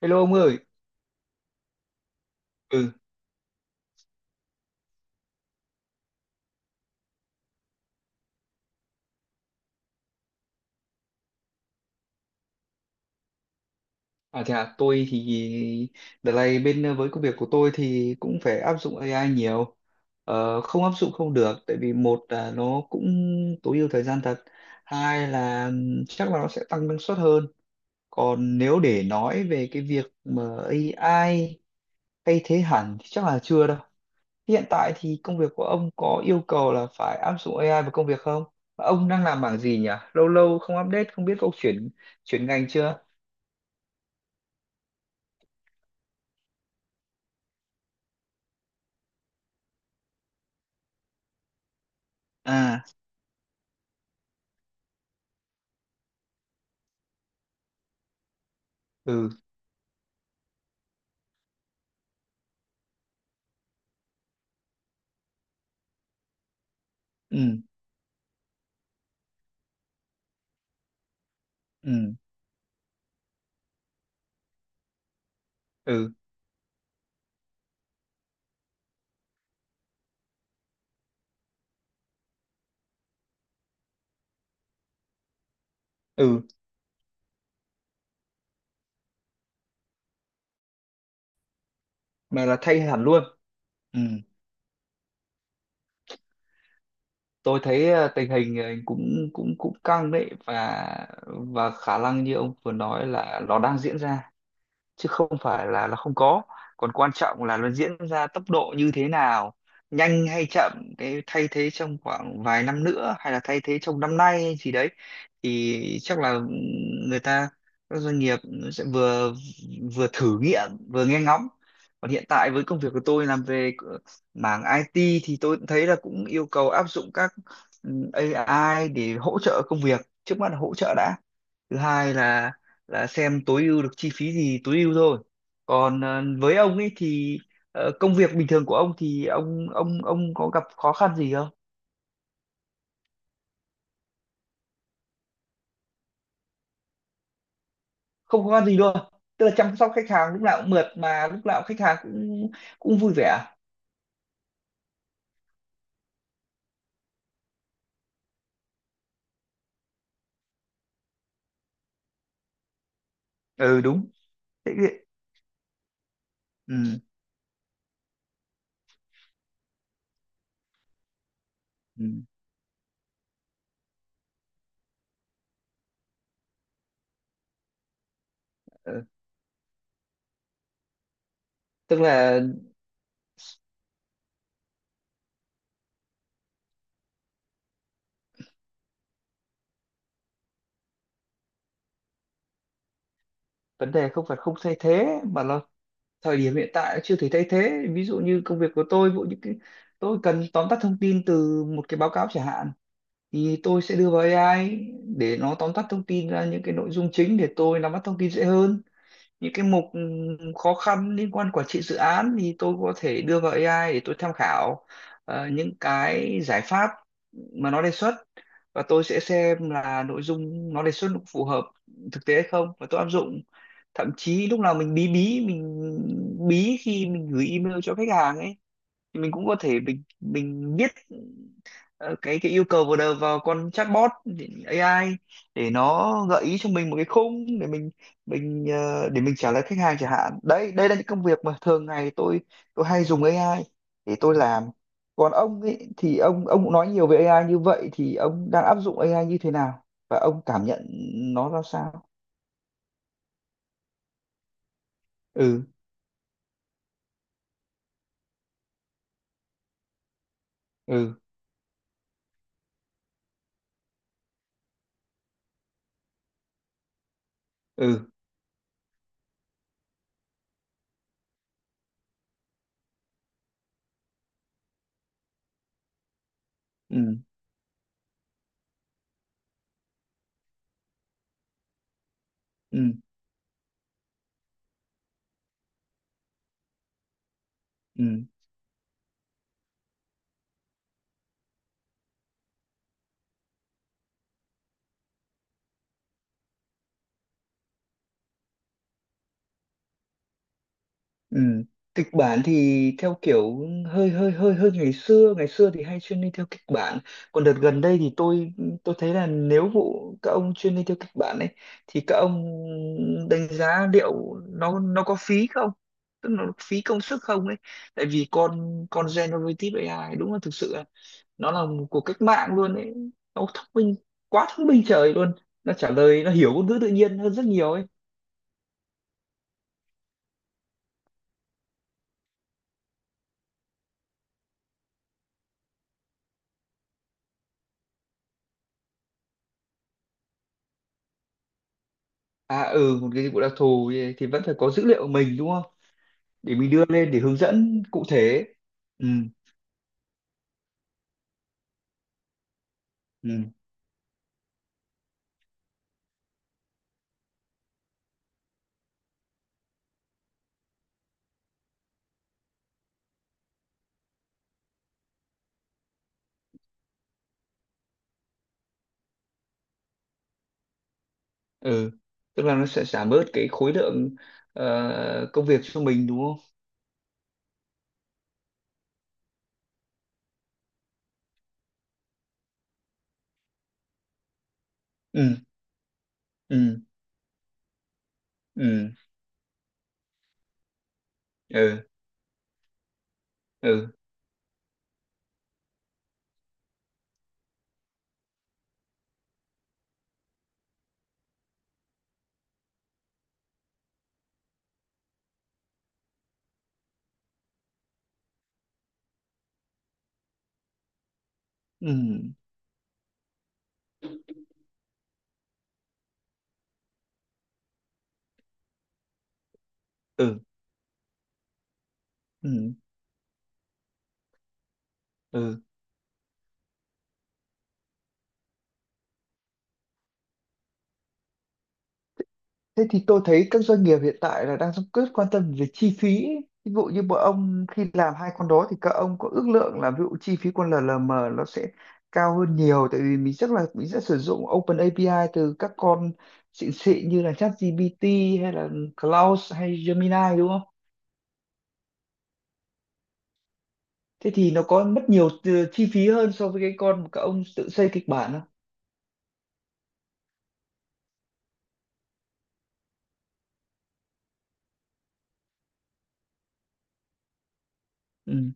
Hello ông ơi. Ừ, à thế à, tôi thì đợt này bên với công việc của tôi thì cũng phải áp dụng AI nhiều. Không áp dụng không được, tại vì một là nó cũng tối ưu thời gian thật, hai là chắc là nó sẽ tăng năng suất hơn. Còn nếu để nói về cái việc mà AI thay thế hẳn thì chắc là chưa đâu. Hiện tại thì công việc của ông có yêu cầu là phải áp dụng AI vào công việc không? Và ông đang làm bảng gì nhỉ? Lâu lâu không update, không biết ông chuyển chuyển ngành chưa? À. Ừ, ừ, ừ, ừ, ừ. Mà là thay hẳn luôn. Ừ, tôi thấy tình hình cũng cũng cũng căng đấy, và khả năng như ông vừa nói là nó đang diễn ra chứ không phải là nó không có. Còn quan trọng là nó diễn ra tốc độ như thế nào, nhanh hay chậm, cái thay thế trong khoảng vài năm nữa hay là thay thế trong năm nay hay gì đấy. Thì chắc là người ta, các doanh nghiệp sẽ vừa vừa thử nghiệm vừa nghe ngóng. Còn hiện tại với công việc của tôi làm về mảng IT thì tôi cũng thấy là cũng yêu cầu áp dụng các ừ, AI để hỗ trợ công việc, trước mắt là hỗ trợ đã. Thứ hai là xem tối ưu được chi phí gì tối ưu thôi. Còn với ông ấy thì công việc bình thường của ông thì ông có gặp khó khăn gì không? Không khó khăn gì luôn, tức là chăm sóc khách hàng lúc nào cũng mượt mà, lúc nào khách hàng cũng cũng vui vẻ. Ừ, đúng. thế thì- ừ, ừ, ừ. Tức là vấn đề không phải không thay thế mà là thời điểm hiện tại chưa thể thay thế. Ví dụ như công việc của tôi, ví dụ những cái tôi cần tóm tắt thông tin từ một cái báo cáo chẳng hạn, thì tôi sẽ đưa vào AI để nó tóm tắt thông tin ra những cái nội dung chính để tôi nắm bắt thông tin dễ hơn. Những cái mục khó khăn liên quan quản trị dự án thì tôi có thể đưa vào AI để tôi tham khảo những cái giải pháp mà nó đề xuất, và tôi sẽ xem là nội dung nó đề xuất nó phù hợp thực tế hay không và tôi áp dụng. Thậm chí lúc nào mình bí bí mình bí khi mình gửi email cho khách hàng ấy, thì mình cũng có thể mình viết ờ, cái yêu cầu vào đầu vào con chatbot, thì AI để nó gợi ý cho mình một cái khung để mình trả lời khách hàng chẳng hạn. Đấy, đây là những công việc mà thường ngày tôi hay dùng AI để tôi làm. Còn ông ấy thì ông cũng nói nhiều về AI như vậy, thì ông đang áp dụng AI như thế nào và ông cảm nhận nó ra sao? Ừ, ừ, ừ, ừ, ừ, ừ, ừ. Kịch bản thì theo kiểu hơi hơi hơi hơi ngày xưa, ngày xưa thì hay chuyên đi theo kịch bản. Còn đợt gần đây thì tôi thấy là nếu vụ các ông chuyên đi theo kịch bản ấy, thì các ông đánh giá liệu nó có phí không, tức là nó phí công sức không ấy. Tại vì con generative AI đúng là thực sự là nó là một cuộc cách mạng luôn ấy, nó thông minh quá, thông minh trời luôn, nó trả lời, nó hiểu ngôn ngữ tự nhiên hơn rất nhiều ấy. À, ừ, một cái vụ đặc thù thì vẫn phải có dữ liệu của mình đúng không, để mình đưa lên để hướng dẫn cụ thể. Ừ, ừ, ừ. Tức là nó sẽ giảm bớt cái khối lượng công việc cho mình đúng không? Ừ, ừ, ừ, ừ, ừ, ừ, ừ, ừ, ừ. Thế thì tôi thấy các doanh nghiệp hiện tại là đang rất quan tâm về chi phí ấy. Ví dụ như bọn ông khi làm hai con đó thì các ông có ước lượng là ví dụ chi phí con LLM nó sẽ cao hơn nhiều, tại vì mình chắc là mình sẽ sử dụng Open API từ các con xịn xịn như là ChatGPT hay là Claude hay Gemini đúng không? Thế thì nó có mất nhiều chi phí hơn so với cái con mà các ông tự xây kịch bản không?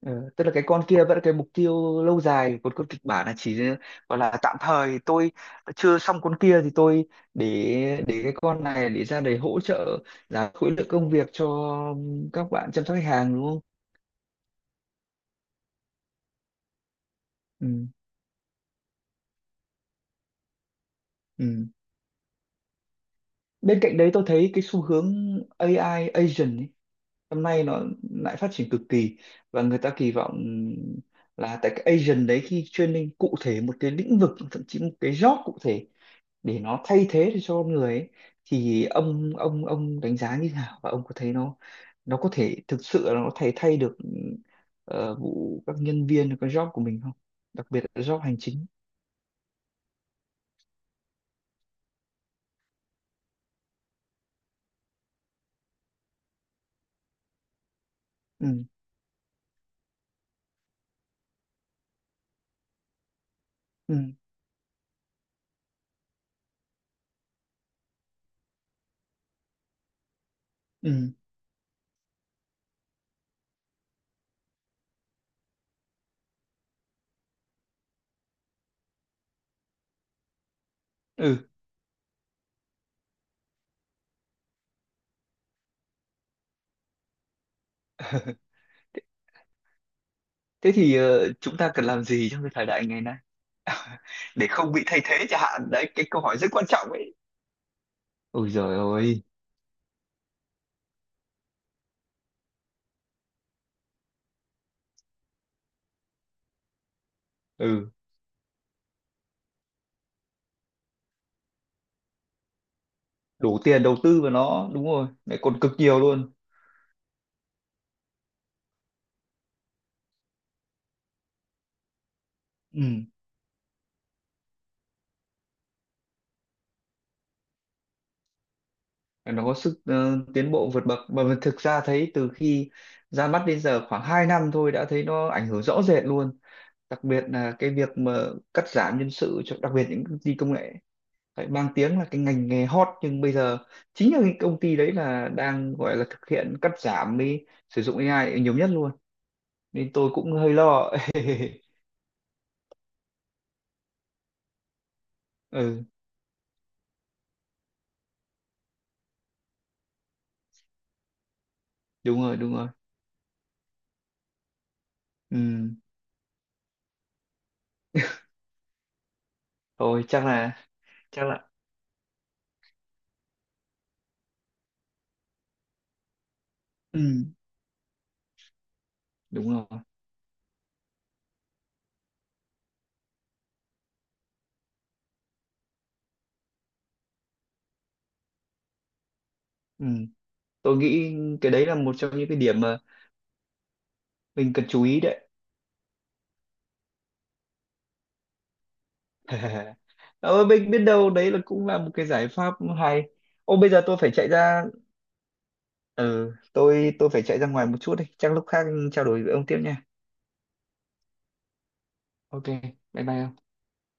Ừ, tức là cái con kia vẫn là cái mục tiêu lâu dài, còn con kịch bản là chỉ gọi là tạm thời, tôi chưa xong con kia thì tôi để cái con này để ra để hỗ trợ giảm khối lượng công việc cho các bạn chăm sóc khách hàng đúng không? Ừ, ừ. Bên cạnh đấy tôi thấy cái xu hướng AI agent ấy, hôm nay nó lại phát triển cực kỳ, và người ta kỳ vọng là tại cái agent đấy khi training cụ thể một cái lĩnh vực, thậm chí một cái job cụ thể, để nó thay thế được cho con người ấy, thì ông đánh giá như thế nào và ông có thấy nó có thể thực sự là nó thay thay được vụ các nhân viên cái job của mình không, đặc biệt là job hành chính? Ừ, ừ, ừ, ừ. Thế thì chúng ta cần làm gì trong cái thời đại ngày nay để không bị thay thế chẳng hạn, đấy cái câu hỏi rất quan trọng ấy. Ôi giời ơi. Ừ, đủ tiền đầu tư vào nó đúng rồi, lại còn cực nhiều luôn. Ừ, nó có sức tiến bộ vượt bậc mà mình thực ra thấy từ khi ra mắt đến giờ khoảng 2 năm thôi đã thấy nó ảnh hưởng rõ rệt luôn, đặc biệt là cái việc mà cắt giảm nhân sự cho đặc biệt những công ty công nghệ. Phải mang tiếng là cái ngành nghề hot nhưng bây giờ chính là cái công ty đấy là đang gọi là thực hiện cắt giảm, đi sử dụng AI nhiều nhất luôn. Nên tôi cũng hơi lo. Ừ, đúng rồi, đúng rồi. Ừ, thôi chắc là, chắc là, ừ, đúng rồi. Ừ, tôi nghĩ cái đấy là một trong những cái điểm mình cần chú ý đấy. Ờ, mình biết đâu đấy là cũng là một cái giải pháp hay. Ô, bây giờ tôi phải chạy ra, ừ, tôi phải chạy ra ngoài một chút, đi chắc lúc khác trao đổi với ông tiếp nha. Ok, bye bye ông.